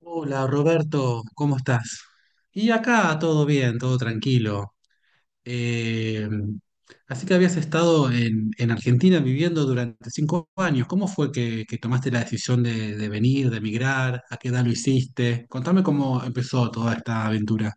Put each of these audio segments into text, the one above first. Hola Roberto, ¿cómo estás? Y acá todo bien, todo tranquilo. Eh, Así que habías estado en Argentina viviendo durante 5 años. ¿Cómo fue que tomaste la decisión de venir, de emigrar? ¿A qué edad lo hiciste? Contame cómo empezó toda esta aventura.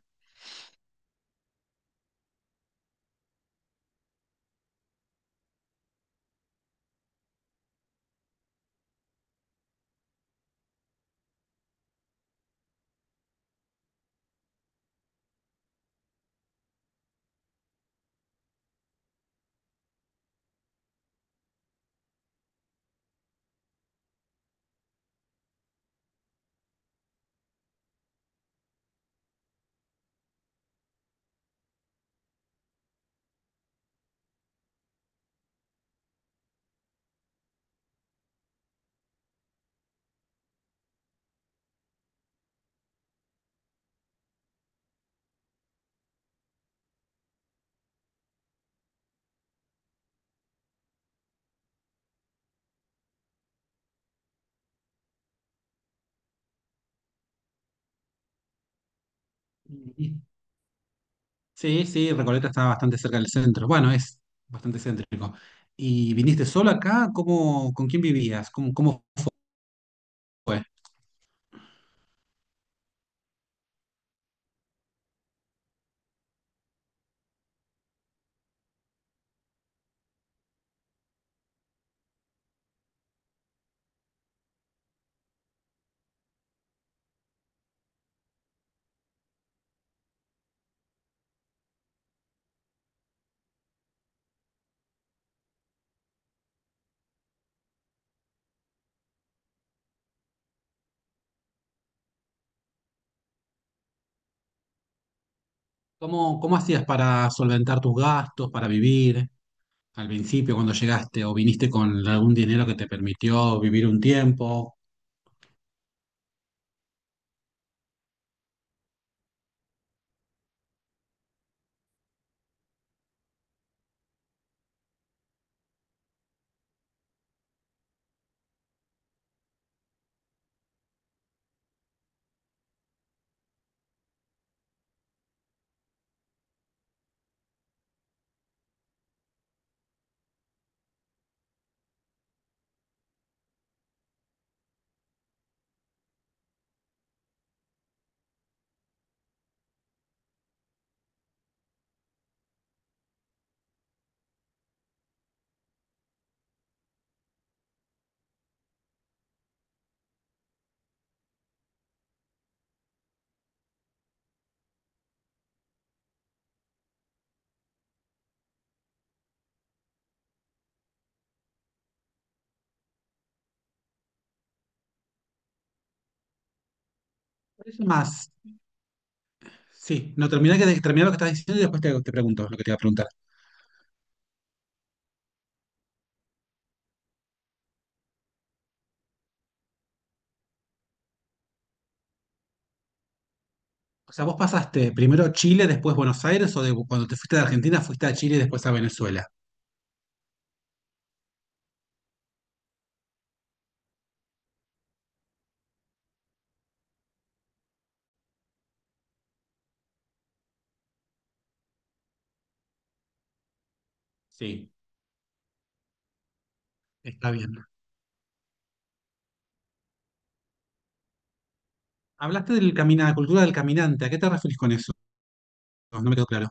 Y- Sí, sí, Recoleta está bastante cerca del centro. Bueno, es bastante céntrico. ¿Y viniste solo acá? ¿Cómo, con quién vivías? ¿Cómo, cómo fue? ¿Cómo, cómo hacías para solventar tus gastos, para vivir al principio cuando llegaste o viniste con algún dinero que te permitió vivir un tiempo? Eso más. Sí, no, terminé, que, terminá lo que estás diciendo y después te pregunto lo que te iba a preguntar. O sea, vos pasaste primero Chile, después Buenos Aires, o de- cuando te fuiste de Argentina fuiste a Chile y después a Venezuela. Sí, está bien. Hablaste del camina, cultura del caminante. ¿A qué te referís con eso? No me quedó claro.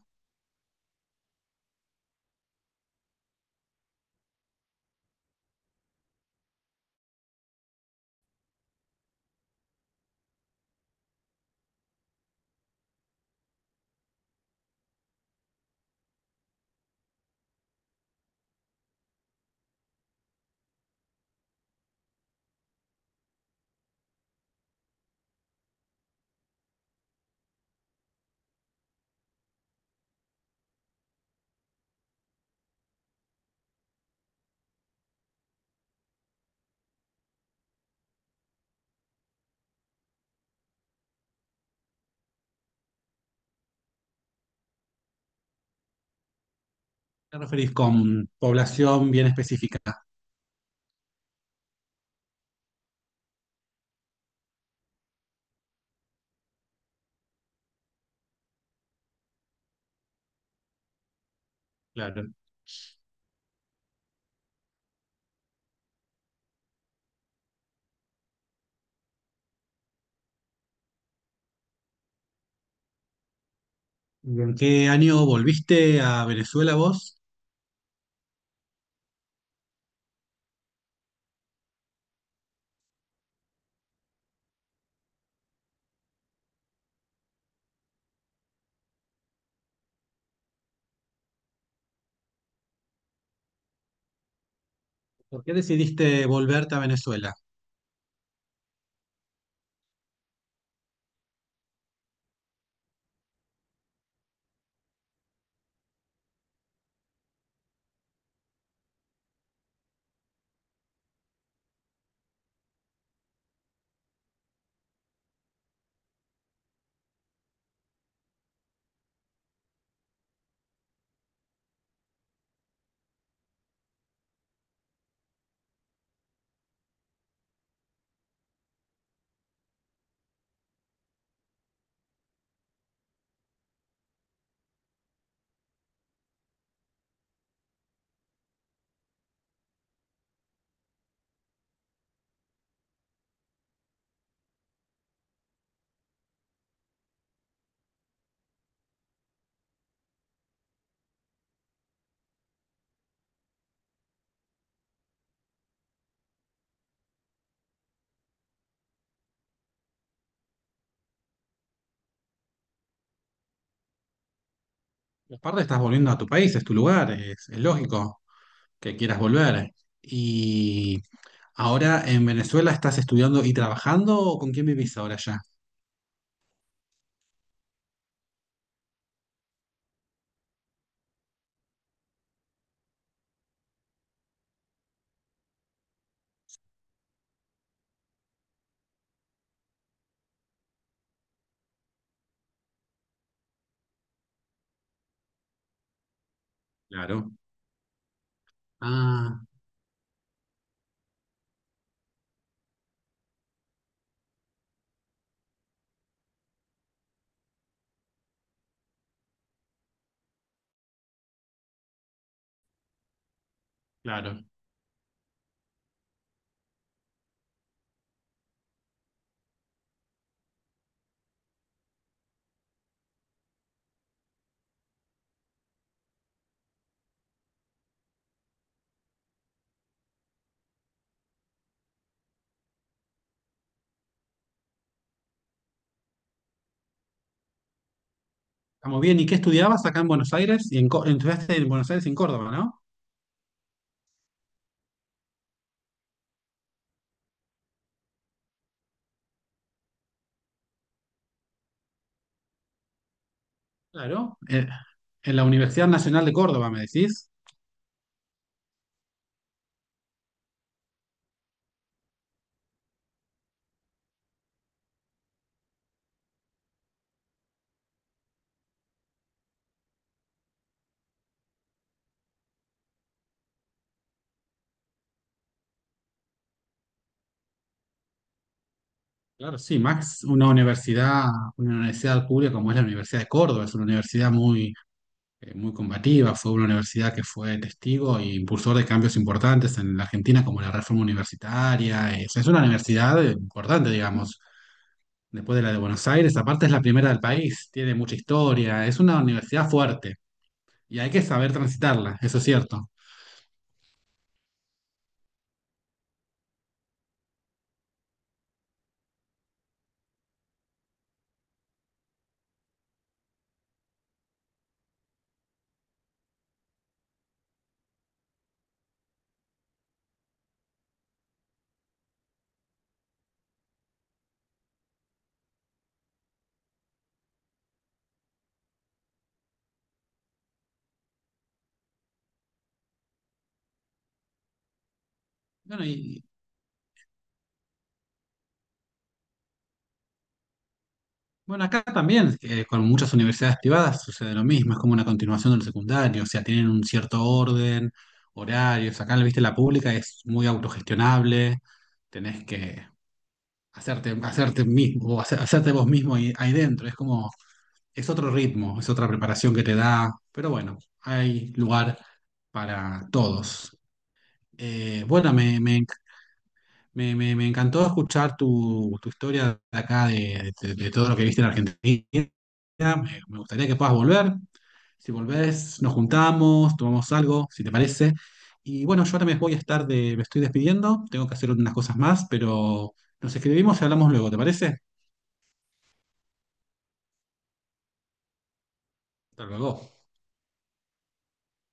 ¿Te referís con población bien específica? Claro. ¿Y en qué año volviste a Venezuela vos? ¿Por qué decidiste volverte a Venezuela? Y aparte estás volviendo a tu país, es tu lugar, es lógico que quieras volver. ¿Y ahora en Venezuela estás estudiando y trabajando o con quién vivís ahora ya? Claro. Ah, claro. Estamos bien. ¿Y qué estudiabas acá en Buenos Aires? Y en, Co- estudiaste en Buenos Aires y en Córdoba, ¿no? Claro. En la Universidad Nacional de Córdoba, ¿me decís? Claro, sí, Max, una universidad pública como es la Universidad de Córdoba, es una universidad muy, muy combativa, fue una universidad que fue testigo e impulsor de cambios importantes en la Argentina, como la reforma universitaria, o sea, es una universidad importante, digamos, después de la de Buenos Aires, aparte es la primera del país, tiene mucha historia, es una universidad fuerte y hay que saber transitarla, eso es cierto. Bueno, y bueno, acá también, con muchas universidades privadas sucede lo mismo, es como una continuación del secundario, o sea, tienen un cierto orden, horarios, acá, viste, la pública es muy autogestionable, tenés que hacerte, hacerte mismo, o hace- hacerte vos mismo ahí, ahí dentro, es como, es otro ritmo, es otra preparación que te da, pero bueno, hay lugar para todos. Bueno, me encantó escuchar tu, tu historia de acá, de todo lo que viste en Argentina. Me gustaría que puedas volver. Si volvés, nos juntamos, tomamos algo, si te parece. Y bueno, yo ahora me voy a estar de, me estoy despidiendo, tengo que hacer unas cosas más, pero nos escribimos y hablamos luego, ¿te parece? Hasta luego.